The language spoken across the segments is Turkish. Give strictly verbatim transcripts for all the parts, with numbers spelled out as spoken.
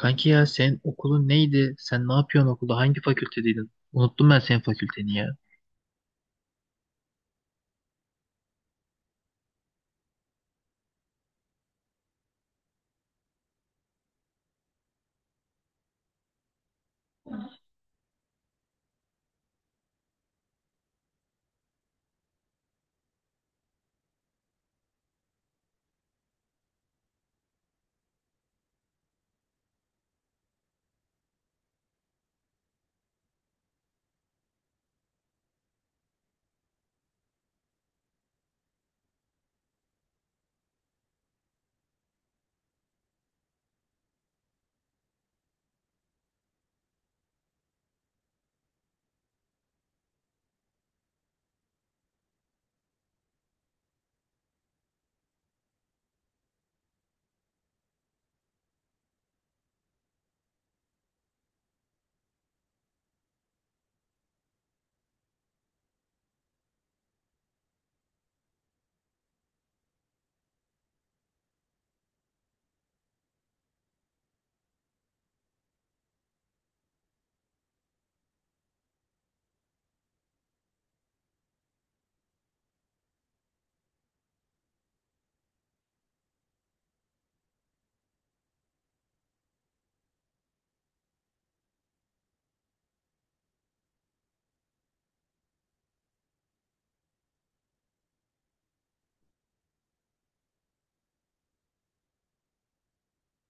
Kanki ya sen okulun neydi? Sen ne yapıyorsun okulda? Hangi fakültedeydin? Unuttum ben senin fakülteni ya.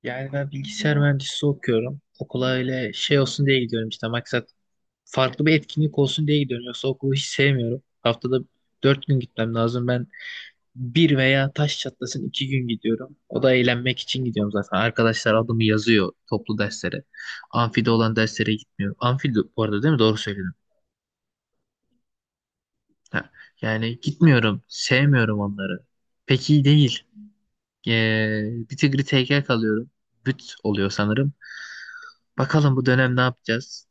Yani ben bilgisayar mühendisliği okuyorum. Okula öyle şey olsun diye gidiyorum, işte maksat farklı bir etkinlik olsun diye gidiyorum. Yoksa okulu hiç sevmiyorum. Haftada dört gün gitmem lazım. Ben bir veya taş çatlasın iki gün gidiyorum. O da eğlenmek için gidiyorum zaten. Arkadaşlar adımı yazıyor toplu derslere. Amfide olan derslere gitmiyorum. Amfi de- bu arada değil mi? Doğru söyledim. Ha. Yani gitmiyorum. Sevmiyorum onları. Pek iyi değil. Ee, Bir tigri tekel kalıyorum. Büt oluyor sanırım. Bakalım bu dönem ne yapacağız?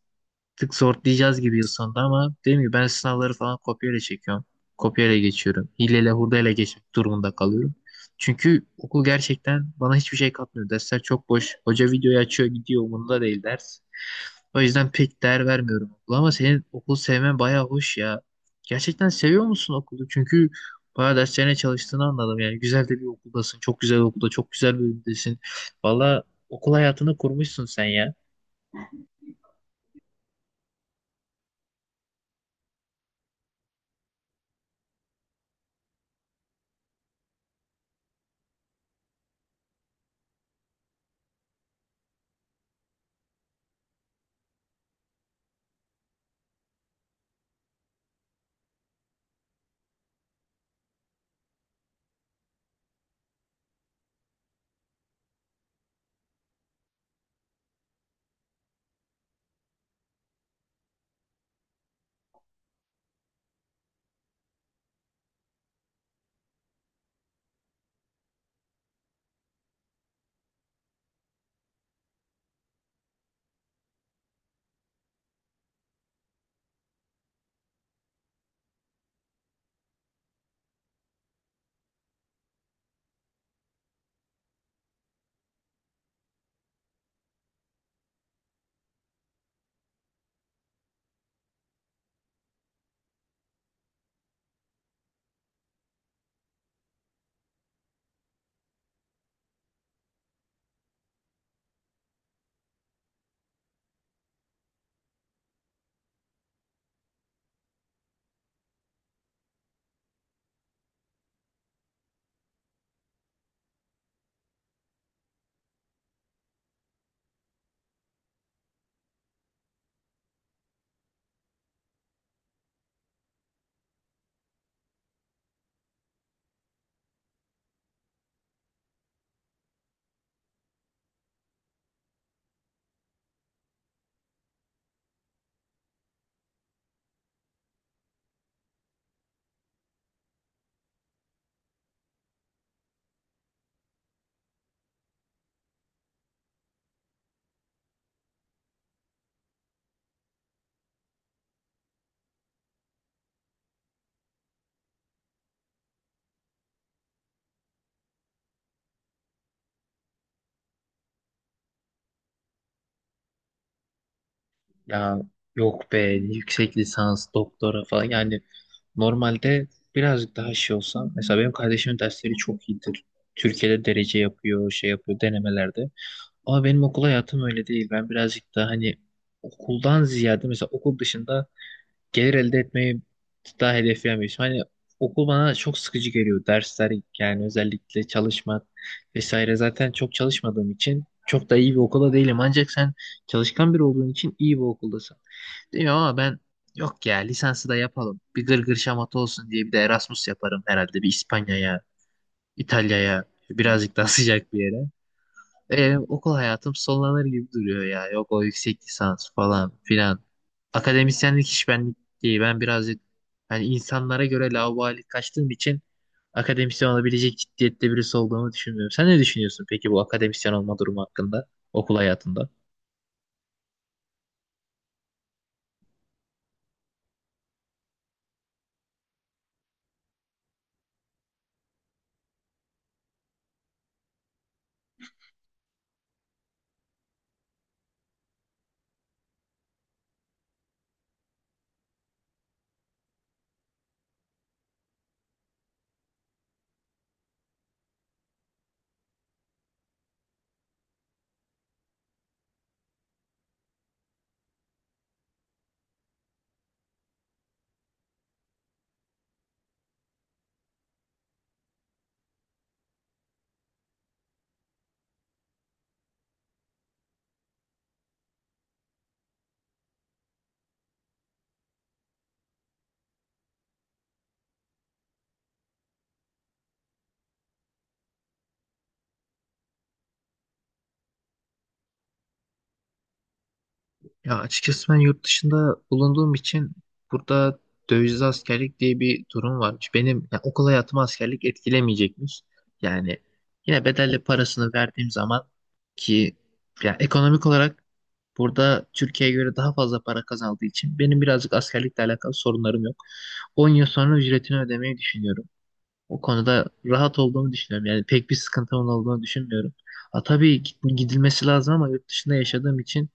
Tık sortlayacağız gibi yıl sonunda ama dediğim gibi ben sınavları falan kopyayla çekiyorum. Kopyayla geçiyorum. Hileyle hurdayla geçmek durumunda kalıyorum. Çünkü okul gerçekten bana hiçbir şey katmıyor. Dersler çok boş. Hoca videoyu açıyor gidiyor, umurunda değil ders. O yüzden pek değer vermiyorum okula ama senin okul sevmen bayağı hoş ya. Gerçekten seviyor musun okulu? Çünkü bayağı derslerine çalıştığını anladım. Yani güzel de bir okuldasın. Çok güzel okulda, çok güzel bir bölümdesin. Valla okul hayatını kurmuşsun sen ya. Ya yok be, yüksek lisans, doktora falan yani normalde birazcık daha şey olsam, mesela benim kardeşimin dersleri çok iyidir. Türkiye'de derece yapıyor, şey yapıyor denemelerde. Ama benim okul hayatım öyle değil. Ben birazcık daha hani okuldan ziyade mesela okul dışında gelir elde etmeyi daha hedefleyemiyorsun. Hani okul bana çok sıkıcı geliyor. Dersler yani özellikle çalışmak vesaire. Zaten çok çalışmadığım için çok da iyi bir okula değilim. Ancak sen çalışkan biri olduğun için iyi bir okuldasın. Değil mi? Ama ben yok ya, lisansı da yapalım. Bir gırgır şamata olsun diye bir de Erasmus yaparım herhalde. Bir İspanya'ya, İtalya'ya birazcık daha sıcak bir yere. E, okul hayatım sonlanır gibi duruyor ya. Yok o yüksek lisans falan filan. Akademisyenlik hiç benlik değil. Ben birazcık hani insanlara göre laubali kaçtığım için akademisyen olabilecek ciddiyette birisi olduğumu düşünmüyorum. Sen ne düşünüyorsun peki bu akademisyen olma durumu hakkında okul hayatında? Ya açıkçası ben yurt dışında bulunduğum için burada dövizli askerlik diye bir durum varmış. Benim yani okul hayatımı askerlik etkilemeyecekmiş. Yani yine bedelli parasını verdiğim zaman ki yani ekonomik olarak burada Türkiye'ye göre daha fazla para kazandığı için benim birazcık askerlikle alakalı sorunlarım yok. on yıl sonra ücretini ödemeyi düşünüyorum. O konuda rahat olduğumu düşünüyorum. Yani pek bir sıkıntımın olduğunu düşünmüyorum. Ha, tabii gidilmesi lazım ama yurt dışında yaşadığım için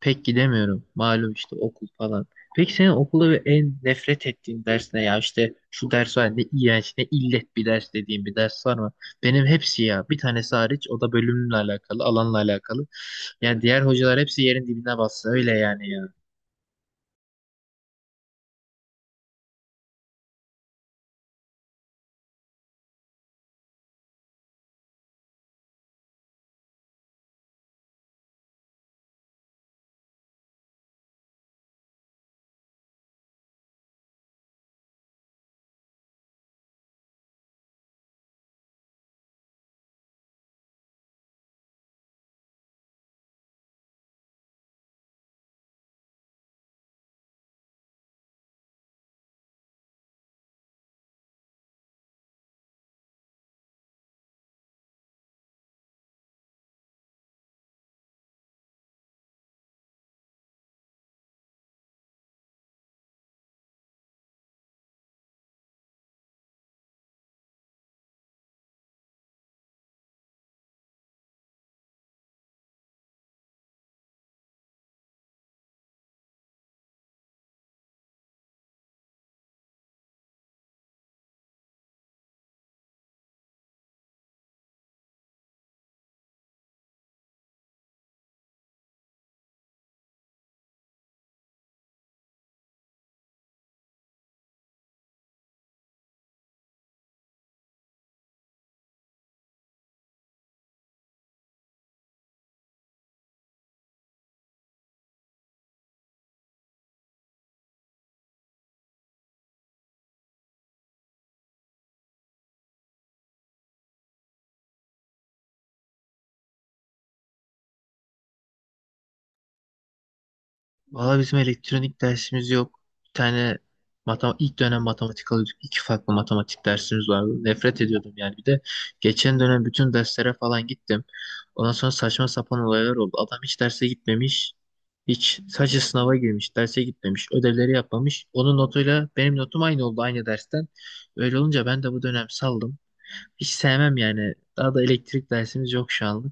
pek gidemiyorum. Malum işte okul falan. Peki senin okulda ve en nefret ettiğin ders ne ya? İşte şu ders var, ne iğrenç ne illet bir ders dediğim bir ders var mı? Benim hepsi ya. Bir tanesi hariç, o da bölümle alakalı, alanla alakalı. Yani diğer hocalar hepsi yerin dibine bassa öyle yani ya. Valla bizim elektronik dersimiz yok. Bir tane matem, ilk dönem matematik alıyorduk. İki farklı matematik dersimiz vardı. Nefret ediyordum yani. Bir de geçen dönem bütün derslere falan gittim. Ondan sonra saçma sapan olaylar oldu. Adam hiç derse gitmemiş. Hiç, sadece sınava girmiş. Derse gitmemiş. Ödevleri yapmamış. Onun notuyla benim notum aynı oldu aynı dersten. Öyle olunca ben de bu dönem saldım. Hiç sevmem yani. Daha da elektrik dersimiz yok şu an.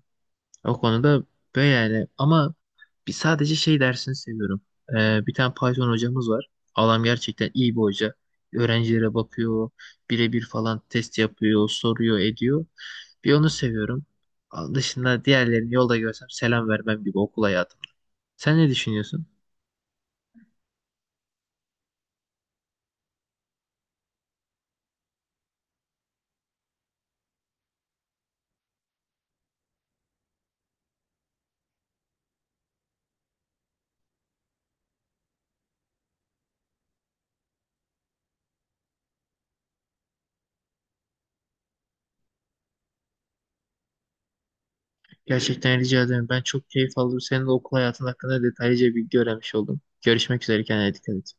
O konuda böyle yani ama bir sadece şey dersini seviyorum. Ee, bir tane Python hocamız var. Adam gerçekten iyi bir hoca. Öğrencilere bakıyor, birebir falan test yapıyor, soruyor, ediyor. Bir onu seviyorum. Dışında diğerlerini yolda görsem selam vermem gibi okul hayatım. Sen ne düşünüyorsun? Gerçekten rica ederim. Ben çok keyif aldım. Senin de okul hayatın hakkında detaylıca bilgi öğrenmiş oldum. Görüşmek üzere. Kendine dikkat et.